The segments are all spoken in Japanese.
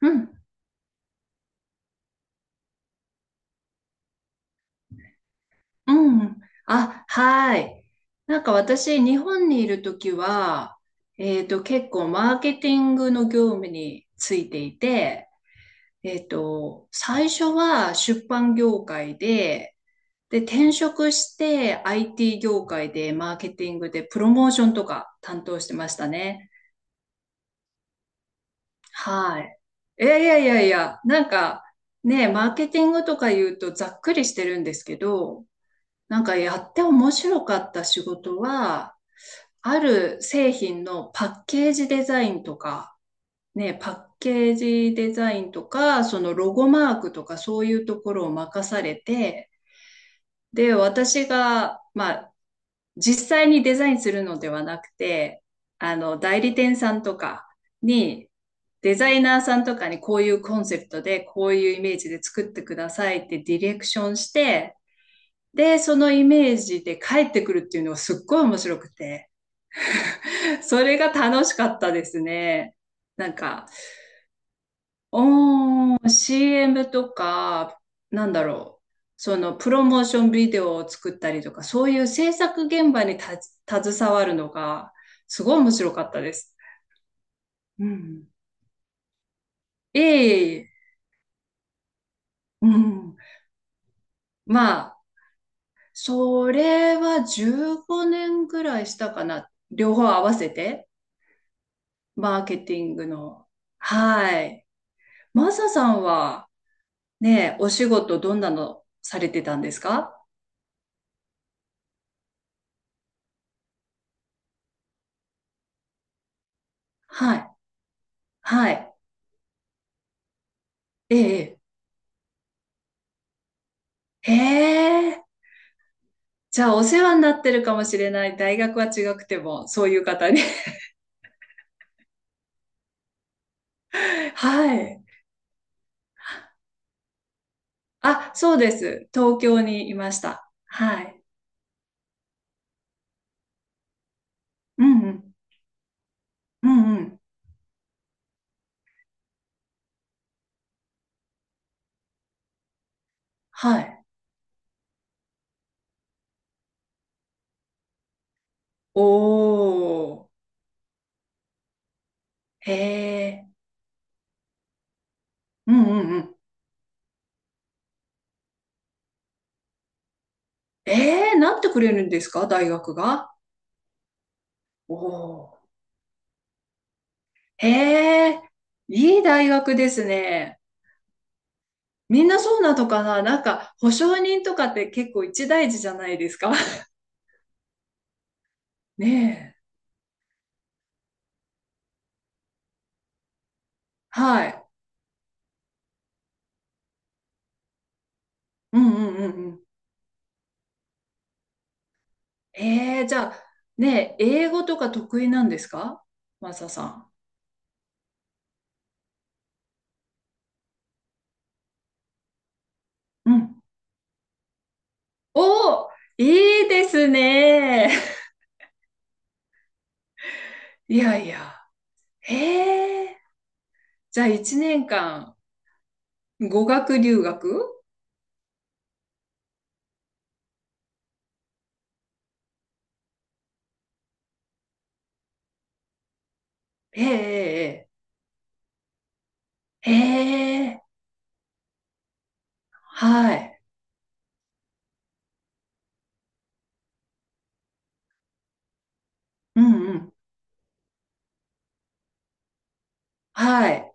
うん、うん。あ、はい。なんか私、日本にいるときは、結構マーケティングの業務についていて、最初は出版業界で、で、転職して IT 業界でマーケティングでプロモーションとか担当してましたね。はい。いやいやいやいや、なんかね、マーケティングとか言うとざっくりしてるんですけど、なんかやって面白かった仕事は、ある製品のパッケージデザインとか、ね、パッケージデザインとか、そのロゴマークとかそういうところを任されて、で、私が、まあ、実際にデザインするのではなくて、あの、代理店さんとかに、デザイナーさんとかにこういうコンセプトで、こういうイメージで作ってくださいってディレクションして、で、そのイメージで帰ってくるっていうのがすっごい面白くて、それが楽しかったですね。なんか、おー、CM とか、なんだろう、そのプロモーションビデオを作ったりとか、そういう制作現場にた携わるのが、すごい面白かったです。うん。ええ、うん。まあ、それは15年ぐらいしたかな。両方合わせて。マーケティングの。はい。マサさんはね、お仕事どんなのされてたんですか？はい。はい。ええ。へえ。じゃあお世話になってるかもしれない。大学は違くても、そういう方に。はい。あ、そうです。東京にいました。はい。うんうん。うんうん。はい。おー。へえ。うんうんうん。ええ、なってくれるんですか大学が？おー。へえ、いい大学ですね。みんなそうなのかななんか、保証人とかって結構一大事じゃないですか？ ねえ。はい。うんうんうんうん。ええ、じゃあ、ねえ、英語とか得意なんですかマサさん？うん。おー、いいですね。いやいや。ええ、じゃあ1年間、語学留学ええ、ええ、ええ。ええはい。うんうん。はい。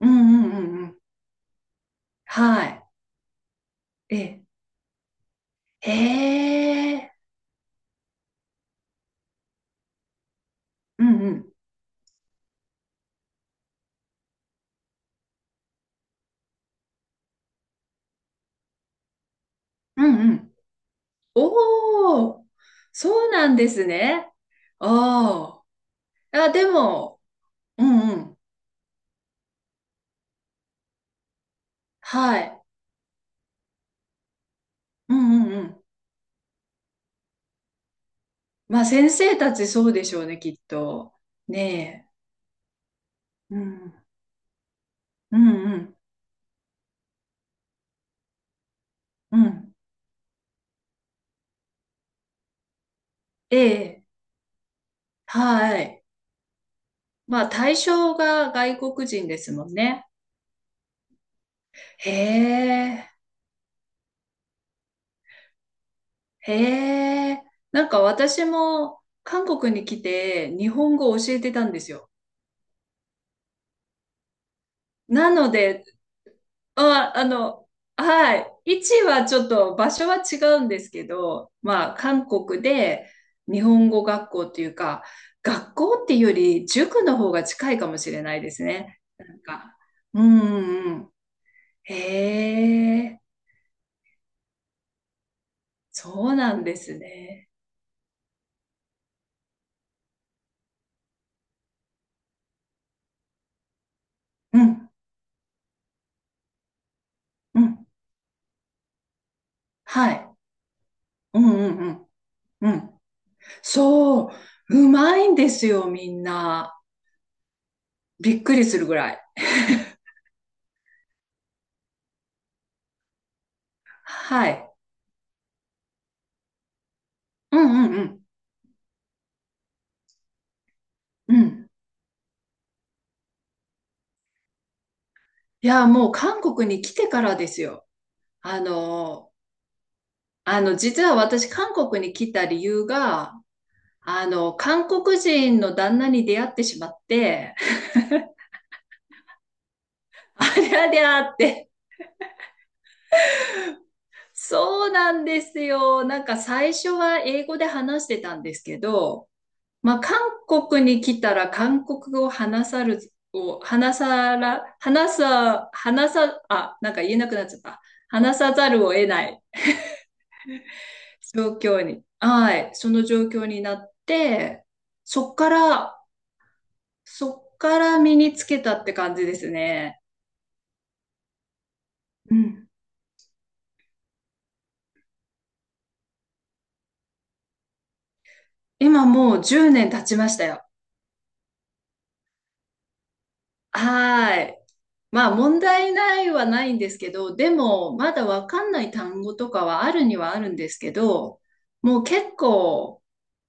うんうんうんはい。ええ、へえ、うんうん、うんうん。おお、そうなんですね。ああ、あ、でも、うんうん、はい、うんうんうん。まあ先生たちそうでしょうね、きっと。ねえ、うん、うんうん、うん。ええ、はい。まあ対象が外国人ですもんね。へえ。へえ、なんか私も韓国に来て日本語を教えてたんですよ。なので、あ、あの、はい、位置はちょっと場所は違うんですけど、まあ韓国で日本語学校っていうか、学校っていうより塾の方が近いかもしれないですね。なんか、うんうんうん。へえ、そうなんですね。うん、うん、はい。うんうんうん、うん。そう、うまいんですよ、みんな。びっくりするぐらい。はい。うんうんうん。うん。いや、もう韓国に来てからですよ。あの、あの、実は私、韓国に来た理由が、あの、韓国人の旦那に出会ってしまって、ありゃりゃって。そうなんですよ。なんか最初は英語で話してたんですけど、まあ、韓国に来たら韓国語を話さる、を話さら、話さ、話さ、あ、なんか言えなくなっちゃった。話さざるを得ない状況に、はい、その状況になって、そっから、そっから身につけたって感じですね。うん。今もう10年経ちましたよ。はーい。まあ問題ないはないんですけど、でもまだわかんない単語とかはあるにはあるんですけど、もう結構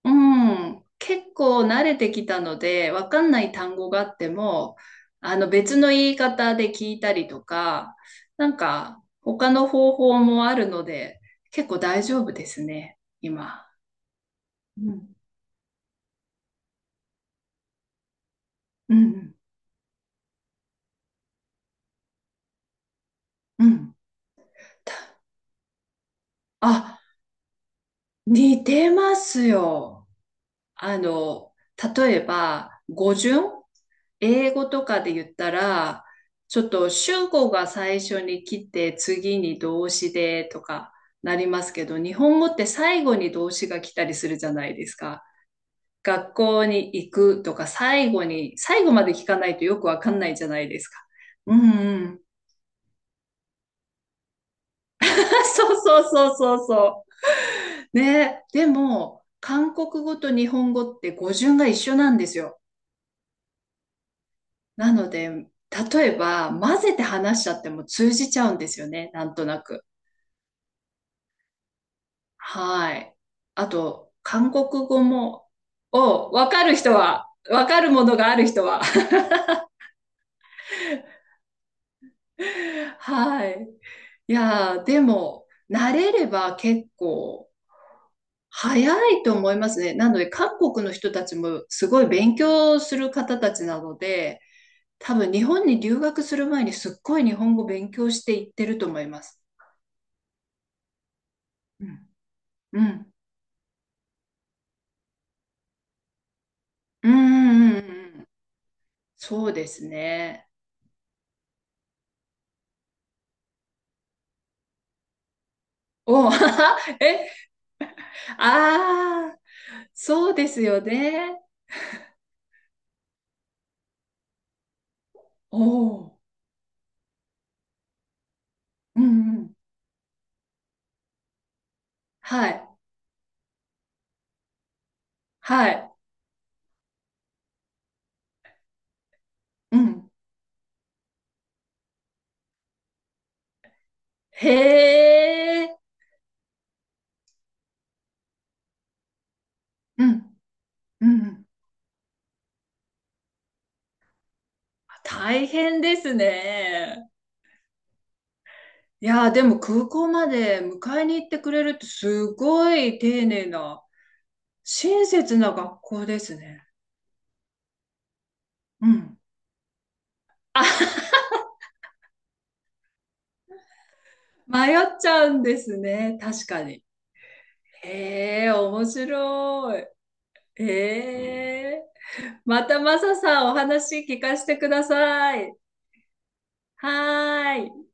うん、結構慣れてきたので、わかんない単語があっても、あの別の言い方で聞いたりとか、なんか他の方法もあるので、結構大丈夫ですね、今。うん、うん、うん。あ、似てますよ。あの、例えば、語順英語とかで言ったら、ちょっと主語が最初に来て、次に動詞でとかなりますけど、日本語って最後に動詞が来たりするじゃないですか。学校に行くとか、最後に、最後まで聞かないとよくわかんないじゃないですか。うんうん。そうそうそうそうそう。ね、でも、韓国語と日本語って語順が一緒なんですよ。なので、例えば、混ぜて話しちゃっても通じちゃうんですよね、なんとなく。はい。あと、韓国語も、を、わかる人は、わかるものがある人は。はい。いやー、でも、慣れれば結構、早いと思いますね。なので、韓国の人たちもすごい勉強する方たちなので、多分日本に留学する前にすっごい日本語勉強していってると思います。うん。うん。うんうんうんうん。そうですね。お、え、ああ。そうですよね。おお。うんうん。はい。はい。うん。へえ。うん。うん。大変ですね。いやー、でも空港まで迎えに行ってくれるってすごい丁寧な、親切な学校ですね。うん。迷っちゃうんですね。確かに。へえ、面白い。へえ。またマサさんお話聞かせてください。はーい。